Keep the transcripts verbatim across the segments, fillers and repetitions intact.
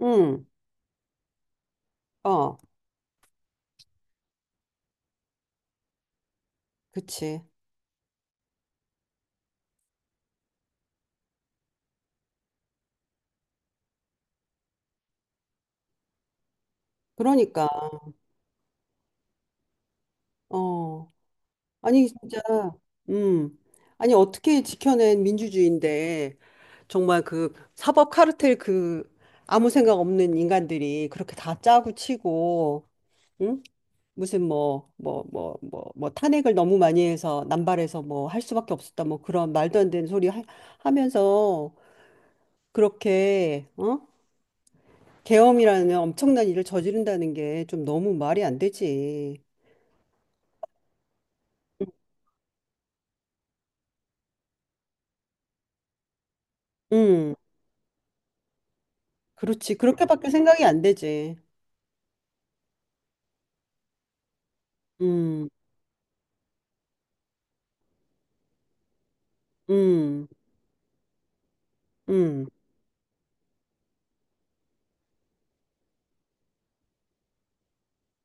응, 어, 그치. 그러니까, 어. 아니, 진짜, 음. 아니, 어떻게 지켜낸 민주주의인데, 정말 그 사법 카르텔 그 아무 생각 없는 인간들이 그렇게 다 짜고 치고, 응? 무슨 뭐, 뭐, 뭐, 뭐, 뭐 탄핵을 너무 많이 해서 남발해서 뭐 할 수밖에 없었다. 뭐 그런 말도 안 되는 소리 하, 하면서 그렇게, 어? 계엄이라는 엄청난 일을 저지른다는 게 좀 너무 말이 안 되지. 음. 그렇지. 그렇게밖에 생각이 안 되지. 음, 음, 음,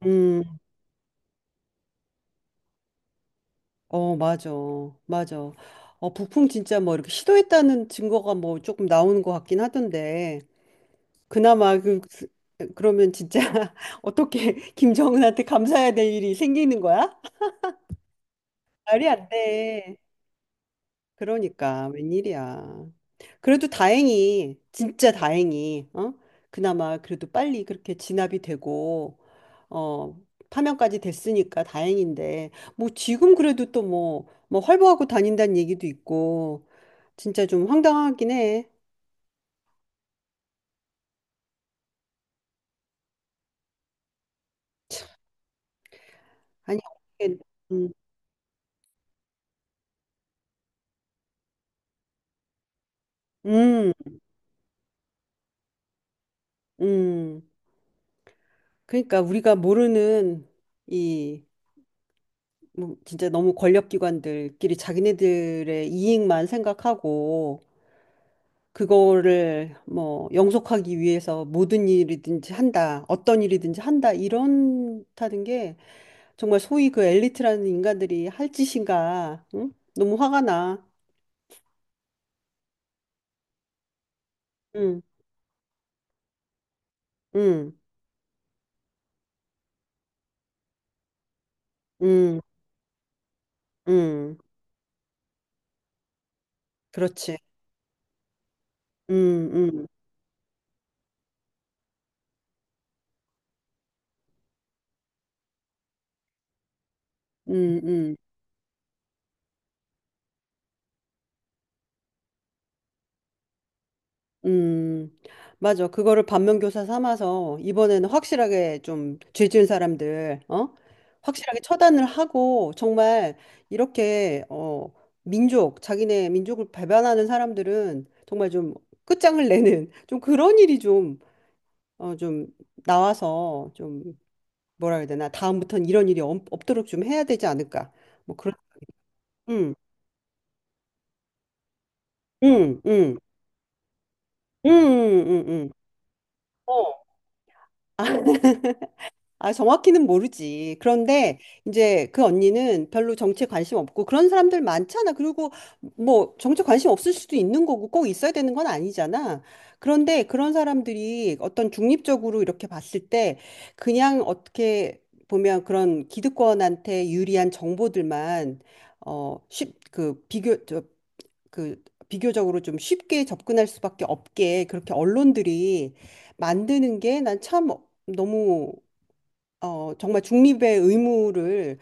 음. 어, 맞아. 맞아. 어, 북풍 진짜 뭐 이렇게 시도했다는 증거가 뭐 조금 나오는 것 같긴 하던데. 그나마 그, 그- 그러면 진짜 어떻게 김정은한테 감사해야 될 일이 생기는 거야? 말이 안 돼. 그러니까 웬일이야. 그래도 다행히 진짜 다행히 어? 그나마 그래도 빨리 그렇게 진압이 되고 어 파면까지 됐으니까 다행인데 뭐 지금 그래도 또 뭐 뭐 활보하고 다닌다는 얘기도 있고 진짜 좀 황당하긴 해. 아니 어떻게 음, 음, 음. 그러니까 우리가 모르는 이 뭐 진짜 너무 권력기관들끼리 자기네들의 이익만 생각하고 그거를 뭐 영속하기 위해서 모든 일이든지 한다, 어떤 일이든지 한다, 이런다는 게 정말 소위 그 엘리트라는 인간들이 할 짓인가, 응? 너무 화가 나. 응, 응, 응, 응. 그렇지. 응, 응, 응, 응. 음, 맞아. 그거를 반면교사 삼아서 이번에는 확실하게 좀 죄지은 사람들, 어? 확실하게 처단을 하고 정말 이렇게 어, 민족, 자기네 민족을 배반하는 사람들은 정말 좀 끝장을 내는 좀 그런 일이 좀, 어, 좀 나와서 좀 뭐라 해야 되나? 다음부터는 이런 일이 없, 없도록 좀 해야 되지 않을까? 뭐 그런, 음, 음, 음, 음, 음, 음. 음. 어. 아, 정확히는 모르지. 그런데 이제 그 언니는 별로 정치에 관심 없고 그런 사람들 많잖아. 그리고 뭐 정치에 관심 없을 수도 있는 거고 꼭 있어야 되는 건 아니잖아. 그런데 그런 사람들이 어떤 중립적으로 이렇게 봤을 때 그냥 어떻게 보면 그런 기득권한테 유리한 정보들만 어, 쉽, 그 비교, 저, 그 비교적으로 좀 쉽게 접근할 수밖에 없게 그렇게 언론들이 만드는 게 난 참 너무 어 정말 '중립의 의무를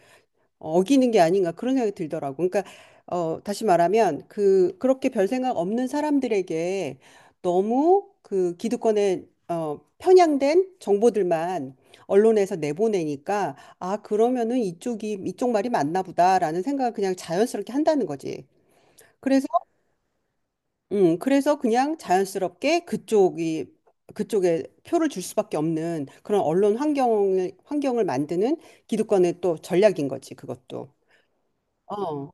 어, 어기는 게 아닌가.' 그런 생각이 들더라고. 그러니까 어 다시 말하면 그 그렇게 별 생각 없는 사람들에게 너무 그 기득권에 어 편향된 정보들만 언론에서 내보내니까 '아 그러면은 이쪽이 이쪽 말이 맞나 보다.'라는 생각을 그냥 자연스럽게 한다는 거지. 그래서 음, 그래서 그냥 자연스럽게 그쪽이 그쪽에 표를 줄 수밖에 없는 그런 언론 환경을 환경을 만드는 기득권의 또 전략인 거지, 그것도. 어.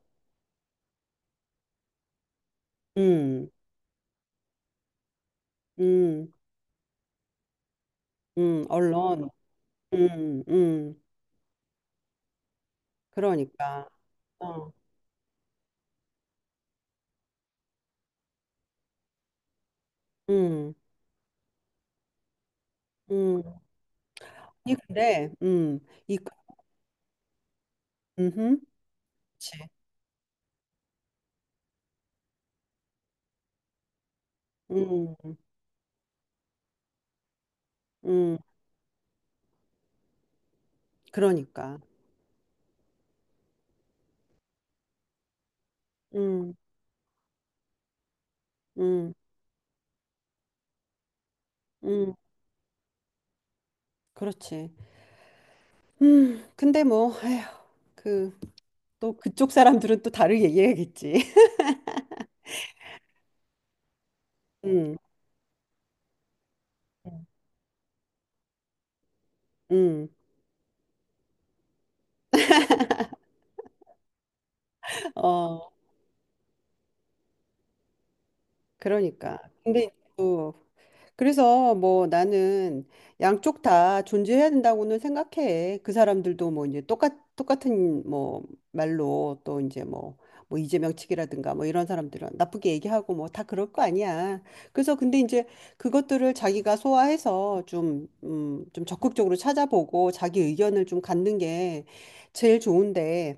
음. 음. 음, 언론. 음. 음. 그러니까. 어. 음. 음. 이 근데 음. 이 음. 그렇지. 음. 음. 그러니까. 음. 음. 음. 그렇지. 음. 근데 뭐 에휴. 그 또 그쪽 사람들은 또 다르게 얘기하겠지. 음, 음. 음, 어, 그러니까. 근데 또 그래서 뭐 나는 양쪽 다 존재해야 된다고는 생각해. 그 사람들도 뭐 이제 똑같 똑같은 뭐 말로 또 이제 뭐 뭐 이재명 측이라든가 뭐 이런 사람들은 나쁘게 얘기하고 뭐 다 그럴 거 아니야. 그래서 근데 이제 그것들을 자기가 소화해서 좀, 음, 좀 적극적으로 찾아보고 자기 의견을 좀 갖는 게 제일 좋은데.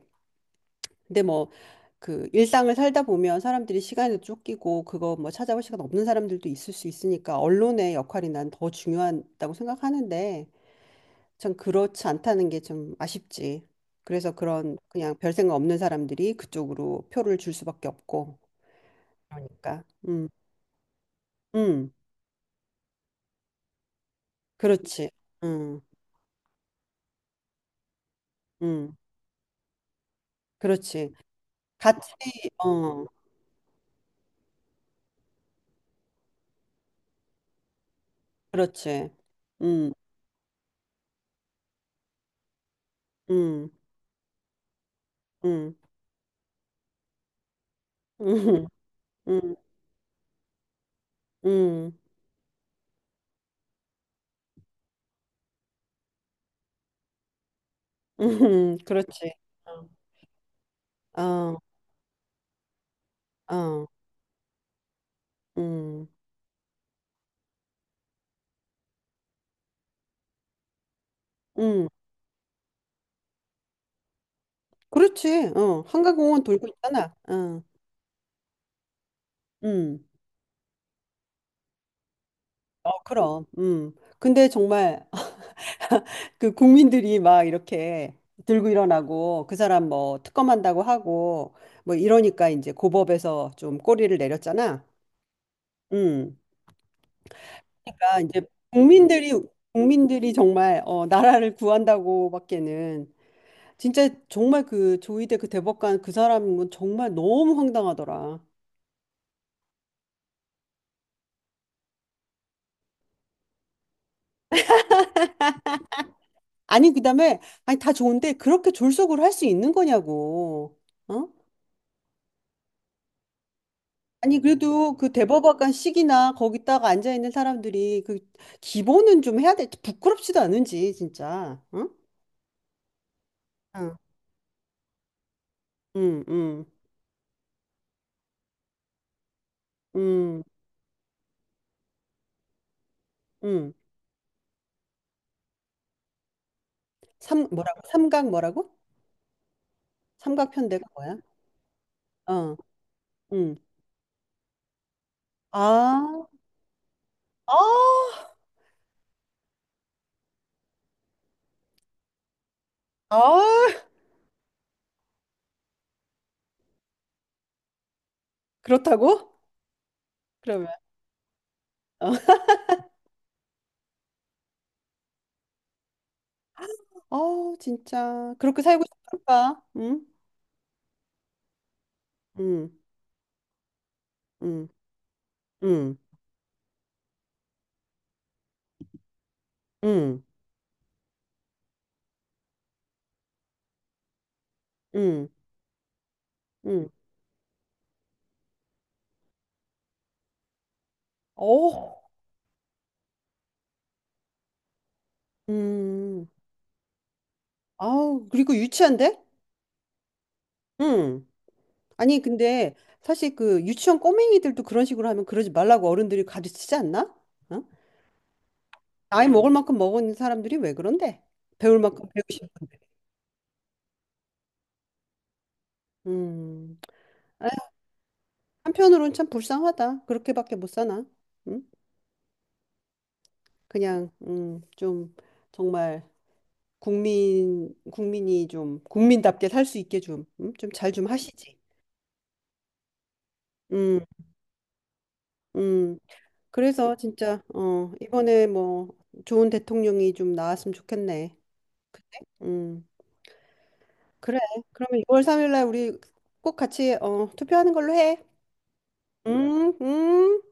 근데 뭐 그 일상을 살다 보면 사람들이 시간에 쫓기고 그거 뭐 찾아볼 시간 없는 사람들도 있을 수 있으니까 언론의 역할이 난 더 중요하다고 생각하는데 참 그렇지 않다는 게 좀 아쉽지. 그래서 그런 그냥 별 생각 없는 사람들이 그쪽으로 표를 줄 수밖에 없고 그러니까 음, 음, 그렇지, 음, 음, 그렇지, 같이, 어, 그렇지, 음, 음, 음, 음, 음, 음, 음, 그렇지. 어. 어, 음, 음, 그렇지. 어, 한강공원 돌고 있잖아. 어, 음, 어, 그럼, 음. 근데 정말 그 국민들이 막 이렇게 들고 일어나고 그 사람 뭐 특검한다고 하고 뭐 이러니까 이제 고법에서 좀 꼬리를 내렸잖아. 음, 그러니까 이제 국민들이 국민들이 정말 어, 나라를 구한다고밖에는 진짜 정말 그 조희대 그 대법관 그 사람은 정말 너무 황당하더라. 아니, 그다음에, 아니, 다 좋은데, 그렇게 졸속으로 할 수 있는 거냐고. 어? 아니, 그래도 그 대법관식이나 거기다가 앉아있는 사람들이 그 기본은 좀 해야 돼. 부끄럽지도 않은지, 진짜. 응? 응, 응, 응, 응. 응. 삼, 뭐라고? 삼각 뭐라고? 삼각편대가 뭐야? 어, 응. 아, 아, 아, 그렇다고? 그러면. 어. 아, 진짜. 그렇게 살고 싶을까? 응? 응, 응, 응, 응. 응, 응, 어, 음, 아우, 그리고 유치한데? 응. 아니, 근데 사실 그 유치원 꼬맹이들도 그런 식으로 하면 그러지 말라고 어른들이 가르치지 않나? 어? 나이 먹을 만큼 먹은 사람들이 왜 그런데? 배울 만큼 배우시 음, 아 한편으로는 참 불쌍하다. 그렇게밖에 못 사나? 응? 그냥 음, 좀 정말 국민 국민이 좀 국민답게 살 수 있게 좀, 음, 좀잘 좀 하시지. 음, 음. 그래서 진짜 어 이번에 뭐 좋은 대통령이 좀 나왔으면 좋겠네. 음 그래. 그러면 유월 삼 일 날 우리 꼭 같이 어 투표하는 걸로 해. 음 음.